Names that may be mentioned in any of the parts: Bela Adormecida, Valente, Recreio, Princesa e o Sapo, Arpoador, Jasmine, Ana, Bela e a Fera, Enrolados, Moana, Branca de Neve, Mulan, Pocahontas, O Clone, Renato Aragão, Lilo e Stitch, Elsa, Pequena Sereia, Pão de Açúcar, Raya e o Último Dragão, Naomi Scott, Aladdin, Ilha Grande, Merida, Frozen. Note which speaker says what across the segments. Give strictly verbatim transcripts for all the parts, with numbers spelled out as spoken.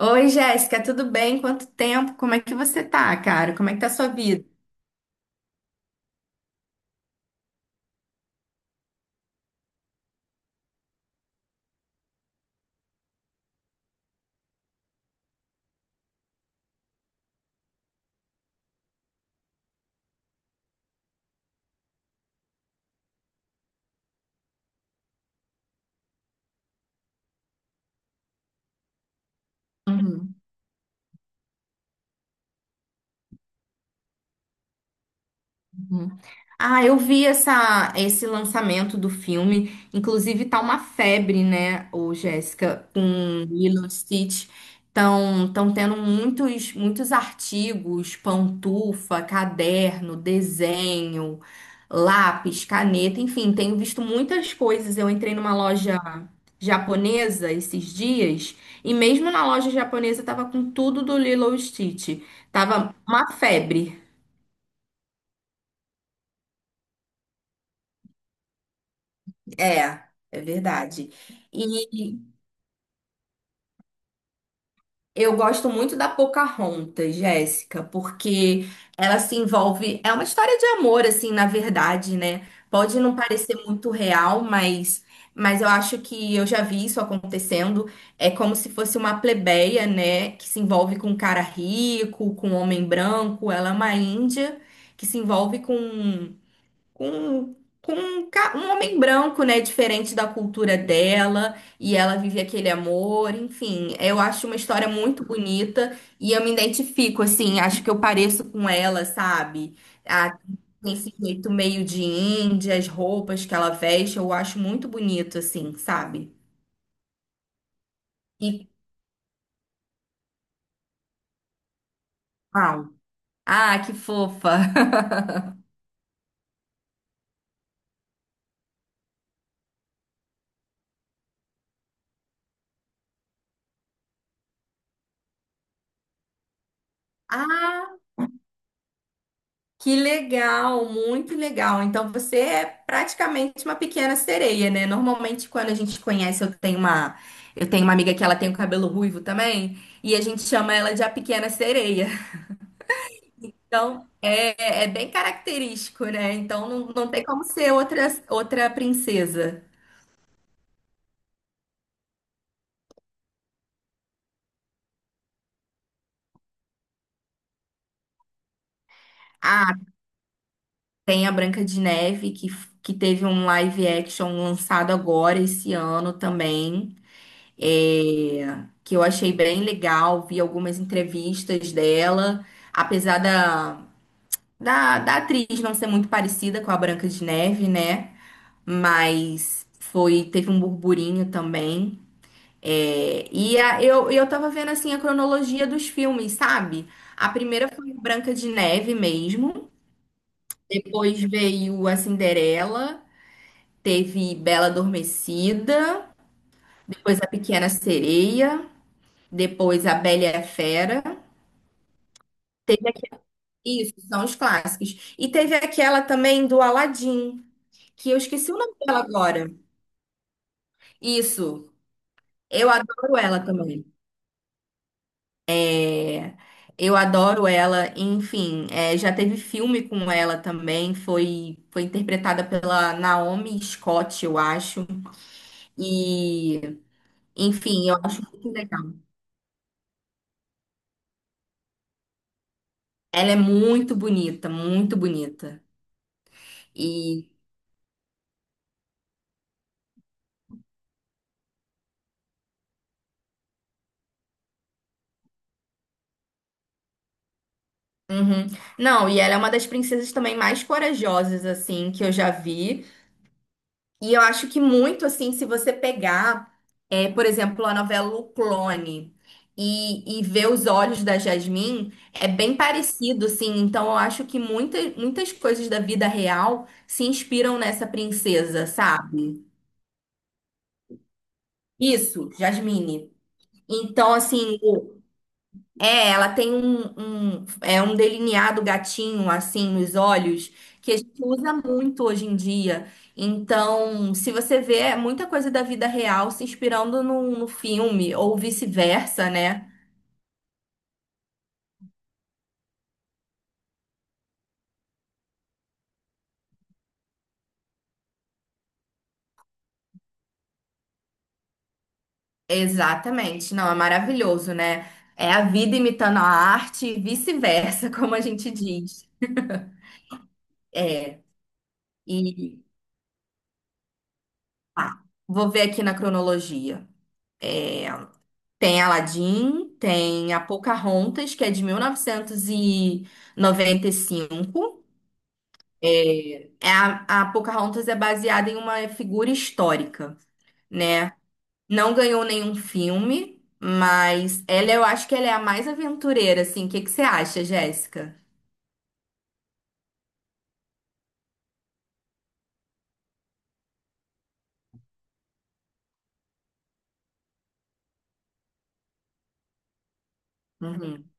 Speaker 1: Oi, Jéssica, tudo bem? Quanto tempo? Como é que você tá, cara? Como é que tá a sua vida? Uhum. Ah, eu vi essa, esse lançamento do filme. Inclusive, tá uma febre, né, o Jéssica, com Lilo e Stitch. Estão tão tão tendo muitos, muitos artigos, pantufa, caderno, desenho, lápis, caneta, enfim, tenho visto muitas coisas. Eu entrei numa loja japonesa esses dias e mesmo na loja japonesa tava com tudo do Lilo e Stitch. Tava uma febre. É, é verdade. E eu gosto muito da Pocahontas, Jéssica, porque ela se envolve. É uma história de amor, assim, na verdade, né? Pode não parecer muito real, mas, mas eu acho que eu já vi isso acontecendo. É como se fosse uma plebeia, né? Que se envolve com um cara rico, com um homem branco. Ela é uma índia que se envolve com com, com um, ca- um homem branco, né? Diferente da cultura dela, e ela vive aquele amor, enfim. Eu acho uma história muito bonita e eu me identifico, assim, acho que eu pareço com ela, sabe? A, Tem esse jeito meio de índia, as roupas que ela veste, eu acho muito bonito, assim, sabe? E, Uau. Ah, que fofa! Ah. Que legal, muito legal. Então você é praticamente uma pequena sereia, né? Normalmente quando a gente conhece, eu tenho uma, eu tenho uma amiga que ela tem o cabelo ruivo também, e a gente chama ela de a pequena sereia. Então é, é bem característico, né? Então não, não tem como ser outra, outra princesa. Ah, tem a Branca de Neve que, que teve um live action lançado agora esse ano também. É, que eu achei bem legal, vi algumas entrevistas dela, apesar da, da, da atriz não ser muito parecida com a Branca de Neve, né? Mas foi, teve um burburinho também. É, e a- eu, eu tava vendo assim a cronologia dos filmes, sabe? A primeira foi Branca de Neve mesmo, depois veio a Cinderela, teve Bela Adormecida, depois a Pequena Sereia, depois a Bela e a Fera. Teve aque- Isso, são os clássicos. E teve aquela também do Aladdin, que eu esqueci o nome dela agora. Isso, eu adoro ela também. Eu adoro ela, enfim, é, já teve filme com ela também, foi, foi interpretada pela Naomi Scott, eu acho. E, Enfim, eu acho muito legal. Ela é muito bonita, muito bonita. E, uhum. Não, e ela é uma das princesas também mais corajosas, assim, que eu já vi. E eu acho que muito assim, se você pegar, é, por exemplo, a novela O Clone e, e ver os olhos da Jasmine, é bem parecido, assim. Então eu acho que muita, muitas coisas da vida real se inspiram nessa princesa, sabe? Isso, Jasmine. Então, assim, É, ela tem um, um- é um delineado gatinho assim nos olhos que a gente usa muito hoje em dia. Então, se você vê é muita coisa da vida real se inspirando no, no filme ou vice-versa, né? Exatamente. Não, é maravilhoso, né? É a vida imitando a arte e vice-versa, como a gente diz. E ah, vou ver aqui na cronologia. Tem Aladdin, tem a Pocahontas, que é de mil novecentos e noventa e cinco. É A, a Pocahontas é baseada em uma figura histórica, né? Não ganhou nenhum filme, mas ela, eu acho que ela é a mais aventureira, assim. O que que você acha, Jéssica? Uhum.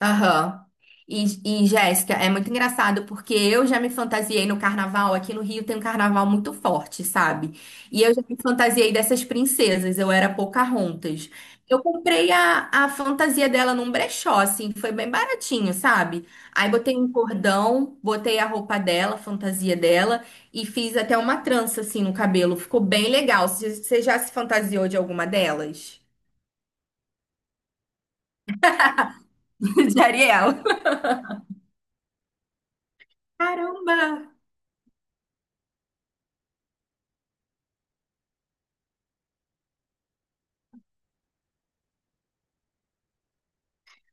Speaker 1: Aham. E, e, Jéssica, é muito engraçado porque eu já me fantasiei no carnaval. Aqui no Rio tem um carnaval muito forte, sabe? E eu já me fantasiei dessas princesas. Eu era Pocahontas. Eu comprei a, a fantasia dela num brechó, assim, foi bem baratinho, sabe? Aí botei um cordão, botei a roupa dela, a fantasia dela, e fiz até uma trança, assim, no cabelo. Ficou bem legal. Você você já se fantasiou de alguma delas? De Ariel? Caramba!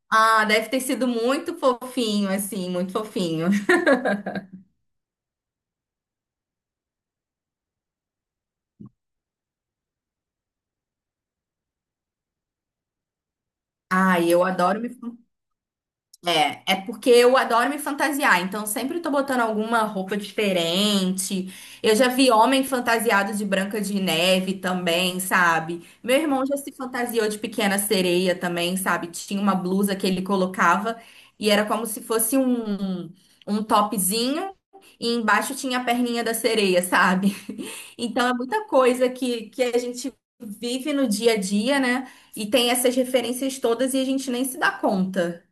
Speaker 1: Ah, deve ter sido muito fofinho, assim, muito fofinho. Ai, eu adoro me. É, é porque eu adoro me fantasiar, então sempre tô botando alguma roupa diferente. Eu já vi homem fantasiado de Branca de Neve também, sabe? Meu irmão já se fantasiou de Pequena Sereia também, sabe? Tinha uma blusa que ele colocava e era como se fosse um, um topzinho e embaixo tinha a perninha da sereia, sabe? Então é muita coisa que, que a gente vive no dia a dia, né? E tem essas referências todas e a gente nem se dá conta.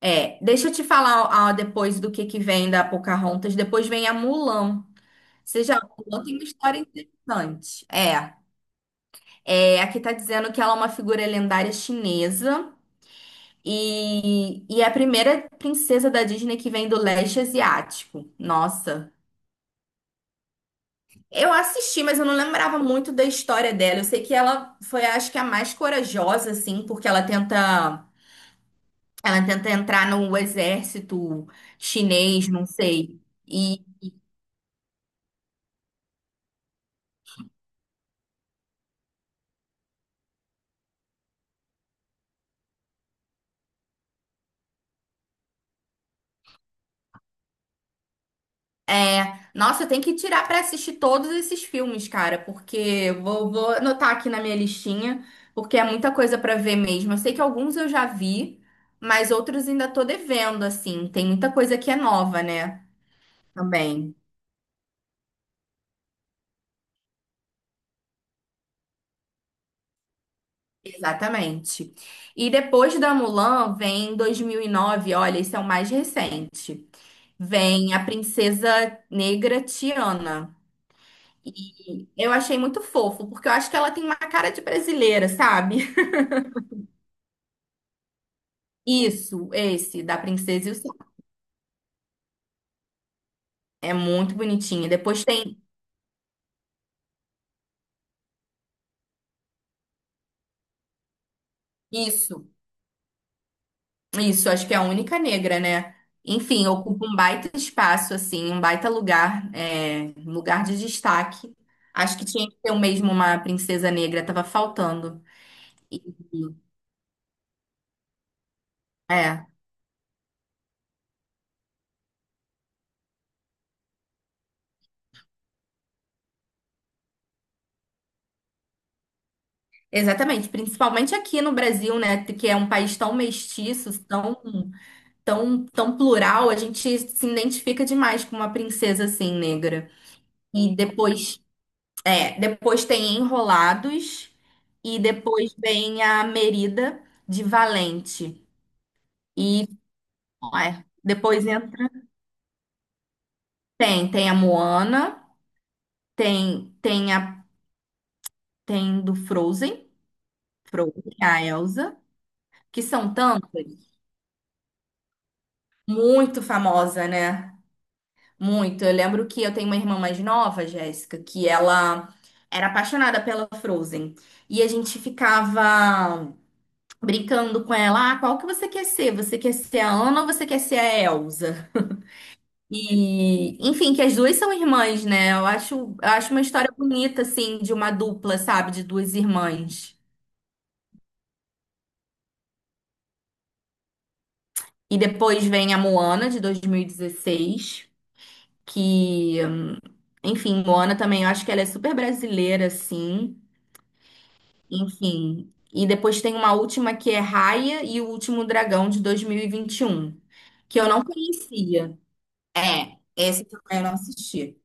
Speaker 1: É, deixa eu te falar ah, depois do que que vem da Pocahontas. Depois vem a Mulan. Seja, Mulan tem uma história interessante. É, é, aqui tá dizendo que ela é uma figura lendária chinesa e, e é a primeira princesa da Disney que vem do leste asiático. Nossa. Eu assisti, mas eu não lembrava muito da história dela. Eu sei que ela foi, acho que a mais corajosa, assim, porque ela tenta, ela tenta entrar no exército chinês, não sei. É, nossa, eu tenho que tirar pra assistir todos esses filmes, cara, porque eu vou, vou anotar aqui na minha listinha, porque é muita coisa pra ver mesmo. Eu sei que alguns eu já vi, mas outros ainda tô devendo, assim. Tem muita coisa que é nova, né? Também. Exatamente. E depois da Mulan vem dois mil e nove. Olha, esse é o mais recente. Vem A Princesa Negra Tiana. E eu achei muito fofo, porque eu acho que ela tem uma cara de brasileira, sabe? Isso, esse, da Princesa e o Sapo. É muito bonitinho. Depois tem isso, isso, acho que é a única negra, né? Enfim, ocupa um baita espaço, assim, um baita lugar, é, um lugar de destaque. Acho que tinha que ter o mesmo uma princesa negra, tava faltando. E- É, exatamente, principalmente aqui no Brasil, né? Que é um país tão mestiço, tão, tão, tão plural, a gente se identifica demais com uma princesa assim, negra. E depois É, depois tem Enrolados e depois vem a Merida de Valente. E é, depois entra tem tem a Moana, tem tem a tem do Frozen, Frozen, a Elsa, que são tantas, muito famosa, né? Muito. Eu lembro que eu tenho uma irmã mais nova, Jéssica, que ela era apaixonada pela Frozen. E a gente ficava brincando com ela, ah, qual que você quer ser? Você quer ser a Ana ou você quer ser a Elsa? E, enfim, que as duas são irmãs, né? Eu acho, eu acho uma história bonita, assim, de uma dupla, sabe? De duas irmãs. E depois vem a Moana, de dois mil e dezesseis, que, enfim, Moana também, eu acho que ela é super brasileira, assim, enfim. E depois tem uma última que é Raya e o Último Dragão, de dois mil e vinte e um, que eu não conhecia. É, esse também eu não assisti.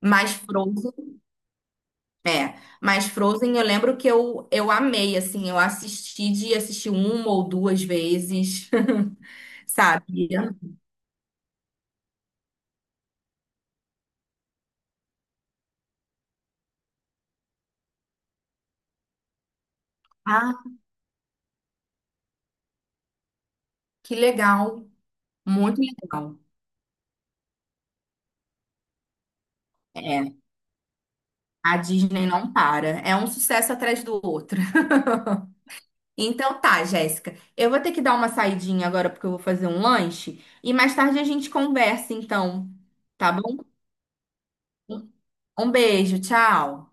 Speaker 1: Mas Frozen, é. Mas Frozen eu lembro que eu, eu amei, assim, eu assisti de assistir uma ou duas vezes, sabe? Ah, que legal. Muito legal. É, a Disney não para. É um sucesso atrás do outro. Então tá, Jéssica. Eu vou ter que dar uma saidinha agora porque eu vou fazer um lanche e mais tarde a gente conversa, então, tá bom? Um beijo, tchau.